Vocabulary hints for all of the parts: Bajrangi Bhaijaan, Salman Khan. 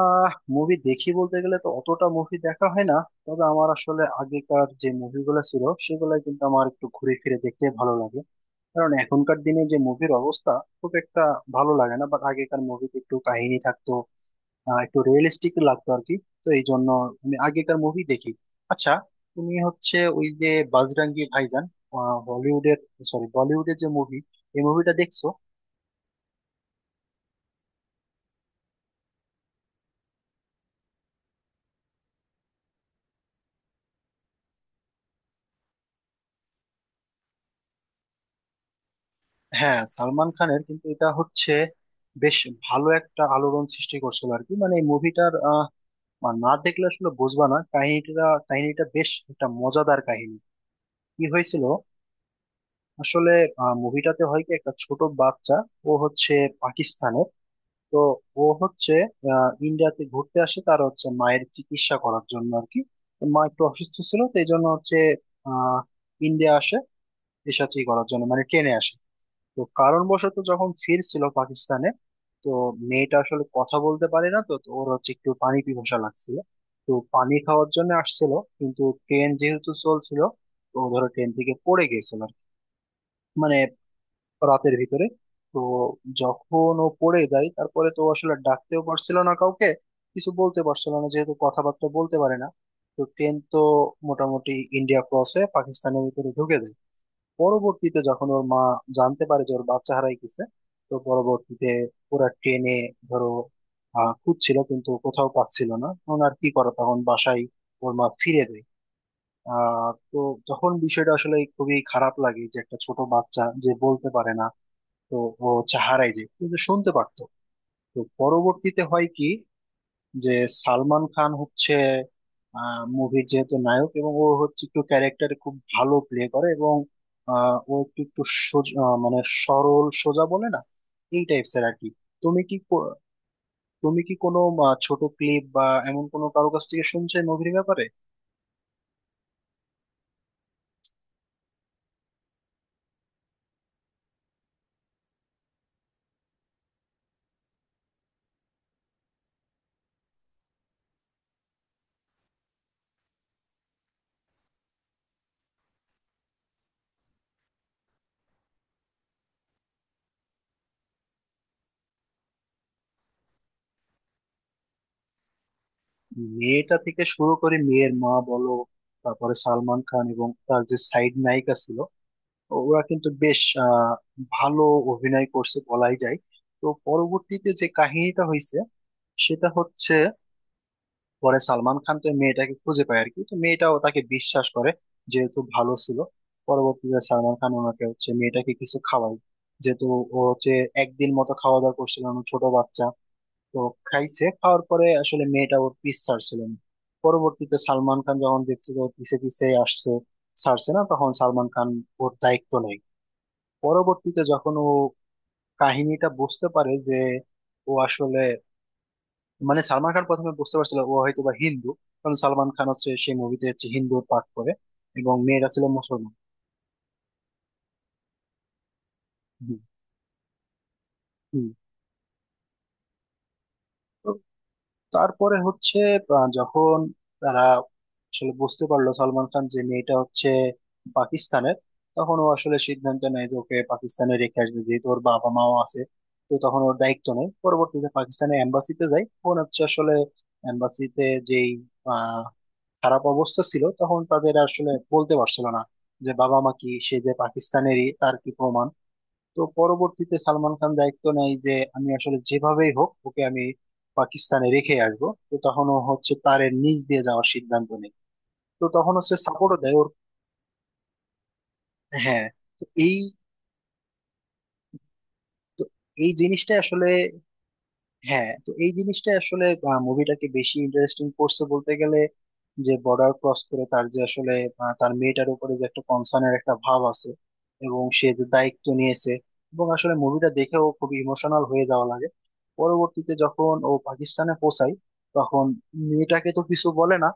আহ movie দেখি বলতে গেলে তো অতটা মুভি দেখা হয় না। তবে আমার আসলে আগেকার যে মুভিগুলো ছিল সেগুলো কিন্তু আমার একটু ঘুরে ফিরে দেখতে ভালো লাগে। কারণ এখনকার দিনে যে মুভির অবস্থা, খুব একটা ভালো লাগে না, বাট আগেকার মুভিতে একটু কাহিনী থাকতো, একটু রিয়েলিস্টিক লাগতো আর কি। তো এই জন্য আমি আগেকার মুভি দেখি। আচ্ছা, তুমি হচ্ছে ওই যে বাজরাঙ্গি ভাইজান, আহ, হলিউডের সরি বলিউডের যে মুভি, এই মুভিটা দেখছো? হ্যাঁ, সালমান খানের, কিন্তু এটা হচ্ছে বেশ ভালো একটা আলোড়ন সৃষ্টি করছিল আর কি, মানে এই মুভিটার। না দেখলে আসলে বুঝবা না, কাহিনীটা, কাহিনীটা বেশ একটা মজাদার কাহিনী। কি হয়েছিল আসলে মুভিটাতে, হয় কি, একটা ছোট বাচ্চা, ও হচ্ছে পাকিস্তানের। তো ও হচ্ছে ইন্ডিয়াতে ঘুরতে আসে, তার হচ্ছে মায়ের চিকিৎসা করার জন্য আর কি। তো মা একটু অসুস্থ ছিল, তো এই জন্য হচ্ছে আহ ইন্ডিয়া আসে, দেশাচি করার জন্য, মানে ট্রেনে আসে। তো কারণবশত যখন ফিরছিল পাকিস্তানে, তো মেয়েটা আসলে কথা বলতে পারে না, তো তো ওর হচ্ছে একটু পানি পিপাসা লাগছিল, তো পানি খাওয়ার জন্য আসছিল, কিন্তু ট্রেন যেহেতু চলছিল, তো ও ধরো ট্রেন থেকে পড়ে গেছিল আর কি। মানে রাতের ভিতরে। তো যখন ও পড়ে যায় তারপরে তো ও আসলে ডাকতেও পারছিল না কাউকে, কিছু বলতে পারছিল না যেহেতু কথাবার্তা বলতে পারে না। তো ট্রেন তো মোটামুটি ইন্ডিয়া ক্রসে পাকিস্তানের ভিতরে ঢুকে যায়। পরবর্তীতে যখন ওর মা জানতে পারে যে ওর বাচ্চা হারাই গেছে, তো পরবর্তীতে ওরা ট্রেনে ধরো খুঁজছিল, কিন্তু কোথাও পাচ্ছিল না, তখন আর কি করে, তখন বাসায় ওর মা ফিরে যায়। তো তখন বিষয়টা আসলে খুবই খারাপ লাগে, যে একটা ছোট বাচ্চা যে বলতে পারে না, তো ও হচ্ছে হারাই যায়, কিন্তু শুনতে পারতো। তো পরবর্তীতে হয় কি, যে সালমান খান হচ্ছে মুভির যেহেতু নায়ক, এবং ও হচ্ছে একটু ক্যারেক্টারে খুব ভালো প্লে করে, এবং আহ, ও একটু একটু সোজা, মানে সরল সোজা বলে না, এই টাইপস এর আর কি। তুমি কি কো- তুমি কি কোনো ছোট ক্লিপ বা এমন কোনো কারো কাছ থেকে শুনছো মুভির ব্যাপারে? মেয়েটা থেকে শুরু করে মেয়ের মা বলো, তারপরে সালমান খান এবং তার যে সাইড নায়িকা ছিল, ওরা কিন্তু বেশ আহ, ভালো অভিনয় করছে বলাই যায়। তো পরবর্তীতে যে কাহিনীটা হয়েছে সেটা হচ্ছে, পরে সালমান খান তো মেয়েটাকে খুঁজে পায় আর কি, তো মেয়েটাও তাকে বিশ্বাস করে যেহেতু ভালো ছিল। পরবর্তীতে সালমান খান ওনাকে হচ্ছে মেয়েটাকে কিছু খাওয়ায়, যেহেতু ও হচ্ছে একদিন মতো খাওয়া দাওয়া করছিল, ও ছোট বাচ্চা। তো খাইছে, খাওয়ার পরে আসলে মেয়েটা ওর পিস ছাড়ছিল না। পরবর্তীতে সালমান খান যখন দেখছে যে ও পিছে পিছে আসছে, ছাড়ছে না, তখন সালমান খান ওর দায়িত্ব নেয়। পরবর্তীতে যখন ও কাহিনীটা বুঝতে পারে যে ও আসলে, মানে সালমান খান প্রথমে বুঝতে পারছিল ও হয়তো বা হিন্দু, কারণ সালমান খান হচ্ছে সেই মুভিতে হচ্ছে হিন্দু পাঠ করে, এবং মেয়েরা ছিল মুসলমান। হুম। হুম। তো তারপরে হচ্ছে যখন তারা আসলে বুঝতে পারলো সালমান খান যে মেয়েটা হচ্ছে পাকিস্তানের, তখন ও আসলে সিদ্ধান্ত নেয় যে ওকে পাকিস্তানে রেখে আসবে, যেহেতু ওর বাবা মাও আছে। তো তখন ওর দায়িত্ব নেই, পরবর্তীতে পাকিস্তানের এম্বাসিতে যায়, তখন হচ্ছে আসলে এম্বাসিতে যেই খারাপ অবস্থা ছিল, তখন তাদের আসলে বলতে পারছিল না যে বাবা মা কি, সে যে পাকিস্তানেরই তার কি প্রমাণ। তো পরবর্তীতে সালমান খান দায়িত্ব নেয় যে আমি আসলে যেভাবেই হোক ওকে আমি পাকিস্তানে রেখে আসবো, তো তখন ও হচ্ছে তারের নিচ দিয়ে যাওয়ার সিদ্ধান্ত নেয়। তো তখন হচ্ছে সাপোর্টও দেয় ওর। হ্যাঁ। তো এই তো এই জিনিসটা আসলে তো এই জিনিসটা আসলে মুভিটাকে বেশি ইন্টারেস্টিং করছে বলতে গেলে, যে বর্ডার ক্রস করে, তার যে আসলে তার মেয়েটার উপরে যে একটা কনসার্নের একটা ভাব আছে এবং সে যে দায়িত্ব নিয়েছে, এবং আসলে মুভিটা দেখেও খুব ইমোশনাল হয়ে যাওয়া লাগে। পরবর্তীতে যখন ও পাকিস্তানে পৌঁছায় তখন মেয়েটাকে তো কিছু বলে না,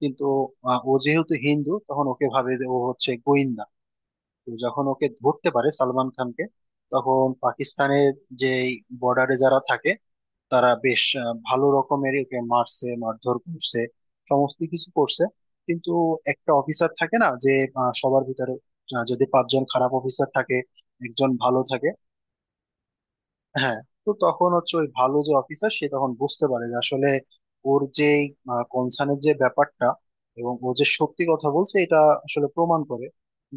কিন্তু ও যেহেতু হিন্দু তখন ওকে ভাবে যে ও হচ্ছে গোয়েন্দা। তো যখন ওকে ধরতে পারে সালমান খানকে, তখন পাকিস্তানের যে বর্ডারে যারা থাকে তারা বেশ ভালো রকমের ওকে মারছে, মারধর করছে, সমস্ত কিছু করছে। কিন্তু একটা অফিসার থাকে না যে, সবার ভিতরে, যদি পাঁচজন খারাপ অফিসার থাকে একজন ভালো থাকে। হ্যাঁ। তো তখন হচ্ছে ওই ভালো যে অফিসার, সে তখন বুঝতে পারে যে আসলে ওর যে কনসার্নের যে ব্যাপারটা, এবং ও যে সত্যি কথা বলছে এটা আসলে প্রমাণ করে।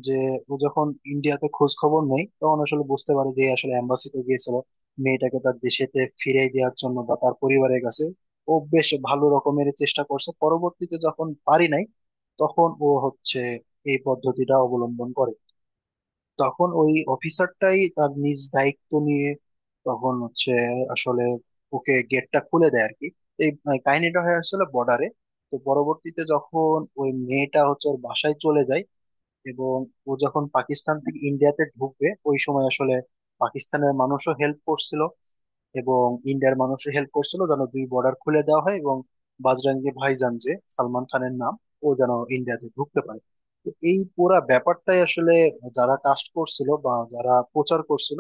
যে ও যখন ইন্ডিয়াতে খোঁজ খবর নেই, তখন আসলে বুঝতে পারে যে এ আসলে এম্বাসিতে গিয়েছিল মেয়েটাকে তার দেশেতে ফিরিয়ে দেওয়ার জন্য বা তার পরিবারের কাছে। ও বেশ ভালো রকমের চেষ্টা করছে, পরবর্তীতে যখন পারি নাই তখন ও হচ্ছে এই পদ্ধতিটা অবলম্বন করে। তখন ওই অফিসারটাই তার নিজ দায়িত্ব নিয়ে তখন হচ্ছে আসলে ওকে গেটটা খুলে দেয় আর কি। এই কাহিনীটা হয়ে আসছিল বর্ডারে। তো পরবর্তীতে যখন ওই মেয়েটা হচ্ছে ওর বাসায় চলে যায় এবং ও যখন পাকিস্তান থেকে ইন্ডিয়াতে ঢুকবে, ওই সময় আসলে পাকিস্তানের মানুষও হেল্প করছিল এবং ইন্ডিয়ার মানুষ হেল্প করছিল, যেন দুই বর্ডার খুলে দেওয়া হয় এবং বাজরাঙ্গি ভাইজান যে সালমান খানের নাম, ও যেন ইন্ডিয়াতে ঢুকতে পারে। তো এই পুরা ব্যাপারটাই আসলে যারা কাস্ট করছিল বা যারা প্রচার করছিল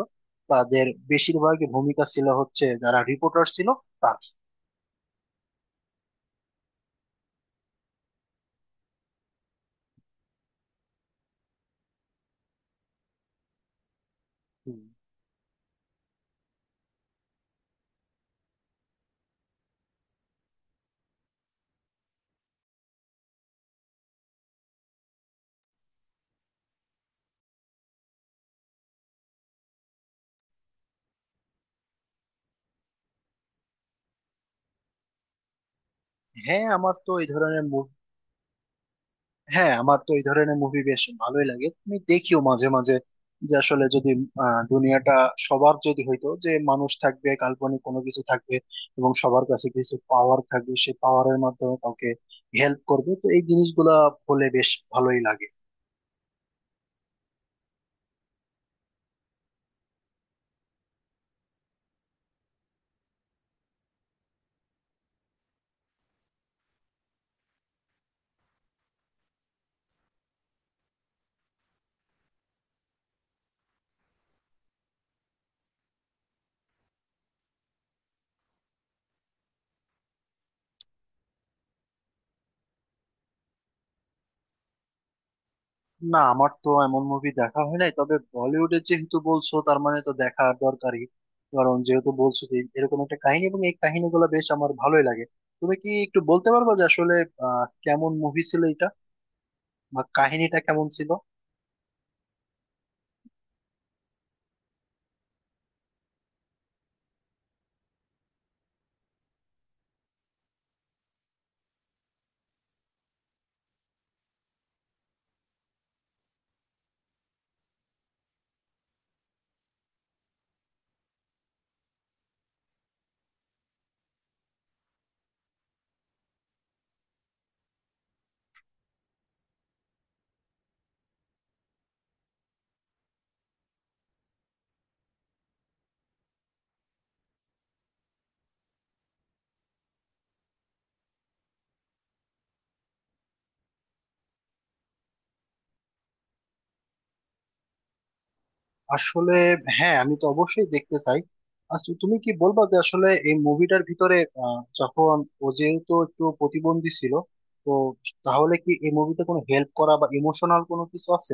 তাদের বেশিরভাগই ভূমিকা ছিল হচ্ছে যারা রিপোর্টার ছিল তার। হুম। হ্যাঁ আমার তো এই ধরনের হ্যাঁ, আমার তো এই ধরনের মুভি বেশ ভালোই লাগে, তুমি দেখিও মাঝে মাঝে। যে আসলে যদি দুনিয়াটা সবার যদি হইতো যে মানুষ থাকবে, কাল্পনিক কোনো কিছু থাকবে, এবং সবার কাছে কিছু পাওয়ার থাকবে, সেই পাওয়ারের মাধ্যমে কাউকে হেল্প করবে, তো এই জিনিসগুলা হলে বেশ ভালোই লাগে। না, আমার তো এমন মুভি দেখা হয় নাই, তবে বলিউডের যেহেতু বলছো তার মানে তো দেখা দরকারই। কারণ যেহেতু বলছো যে এরকম একটা কাহিনী, এবং এই কাহিনীগুলো বেশ আমার ভালোই লাগে। তুমি কি একটু বলতে পারবা যে আসলে কেমন মুভি ছিল এটা বা কাহিনীটা কেমন ছিল? আসলে, হ্যাঁ, আমি তো অবশ্যই দেখতে চাই। আচ্ছা, তুমি কি বলবা যে আসলে এই মুভিটার ভিতরে, যখন ও যেহেতু একটু প্রতিবন্ধী ছিল, তো তাহলে কি এই মুভিতে কোনো হেল্প করা বা ইমোশনাল কোনো কিছু আছে?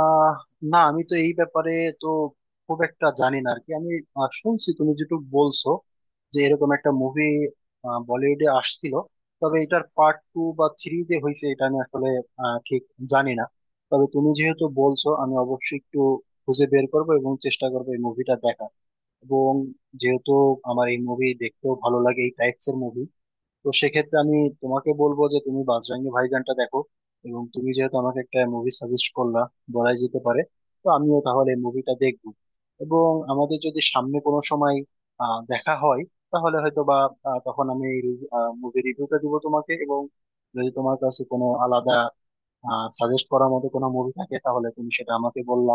আহ না, আমি তো এই ব্যাপারে তো খুব একটা জানি না আর কি। আমি শুনছি তুমি যেটুকু বলছো যে এরকম একটা মুভি বলিউডে আসছিল, তবে এটার পার্ট টু বা থ্রি যে হয়েছে এটা আমি আসলে ঠিক জানি না। তবে তুমি যেহেতু বলছো আমি অবশ্যই একটু খুঁজে বের করবো এবং চেষ্টা করবো এই মুভিটা দেখার। এবং যেহেতু আমার এই মুভি দেখতেও ভালো লাগে, এই টাইপস এর মুভি, তো সেক্ষেত্রে আমি তোমাকে বলবো যে তুমি বাজরাঙ্গি ভাইজানটা দেখো। এবং তুমি যেহেতু আমাকে একটা মুভি সাজেস্ট করলা বলাই যেতে পারে, তো আমিও তাহলে মুভিটা দেখবো। এবং আমাদের যদি সামনে কোনো সময় দেখা হয় তাহলে হয়তো বা তখন আমি মুভি রিভিউটা দিব তোমাকে, এবং যদি তোমার কাছে কোনো আলাদা সাজেস্ট করার মতো কোনো মুভি থাকে তাহলে তুমি সেটা আমাকে বললা।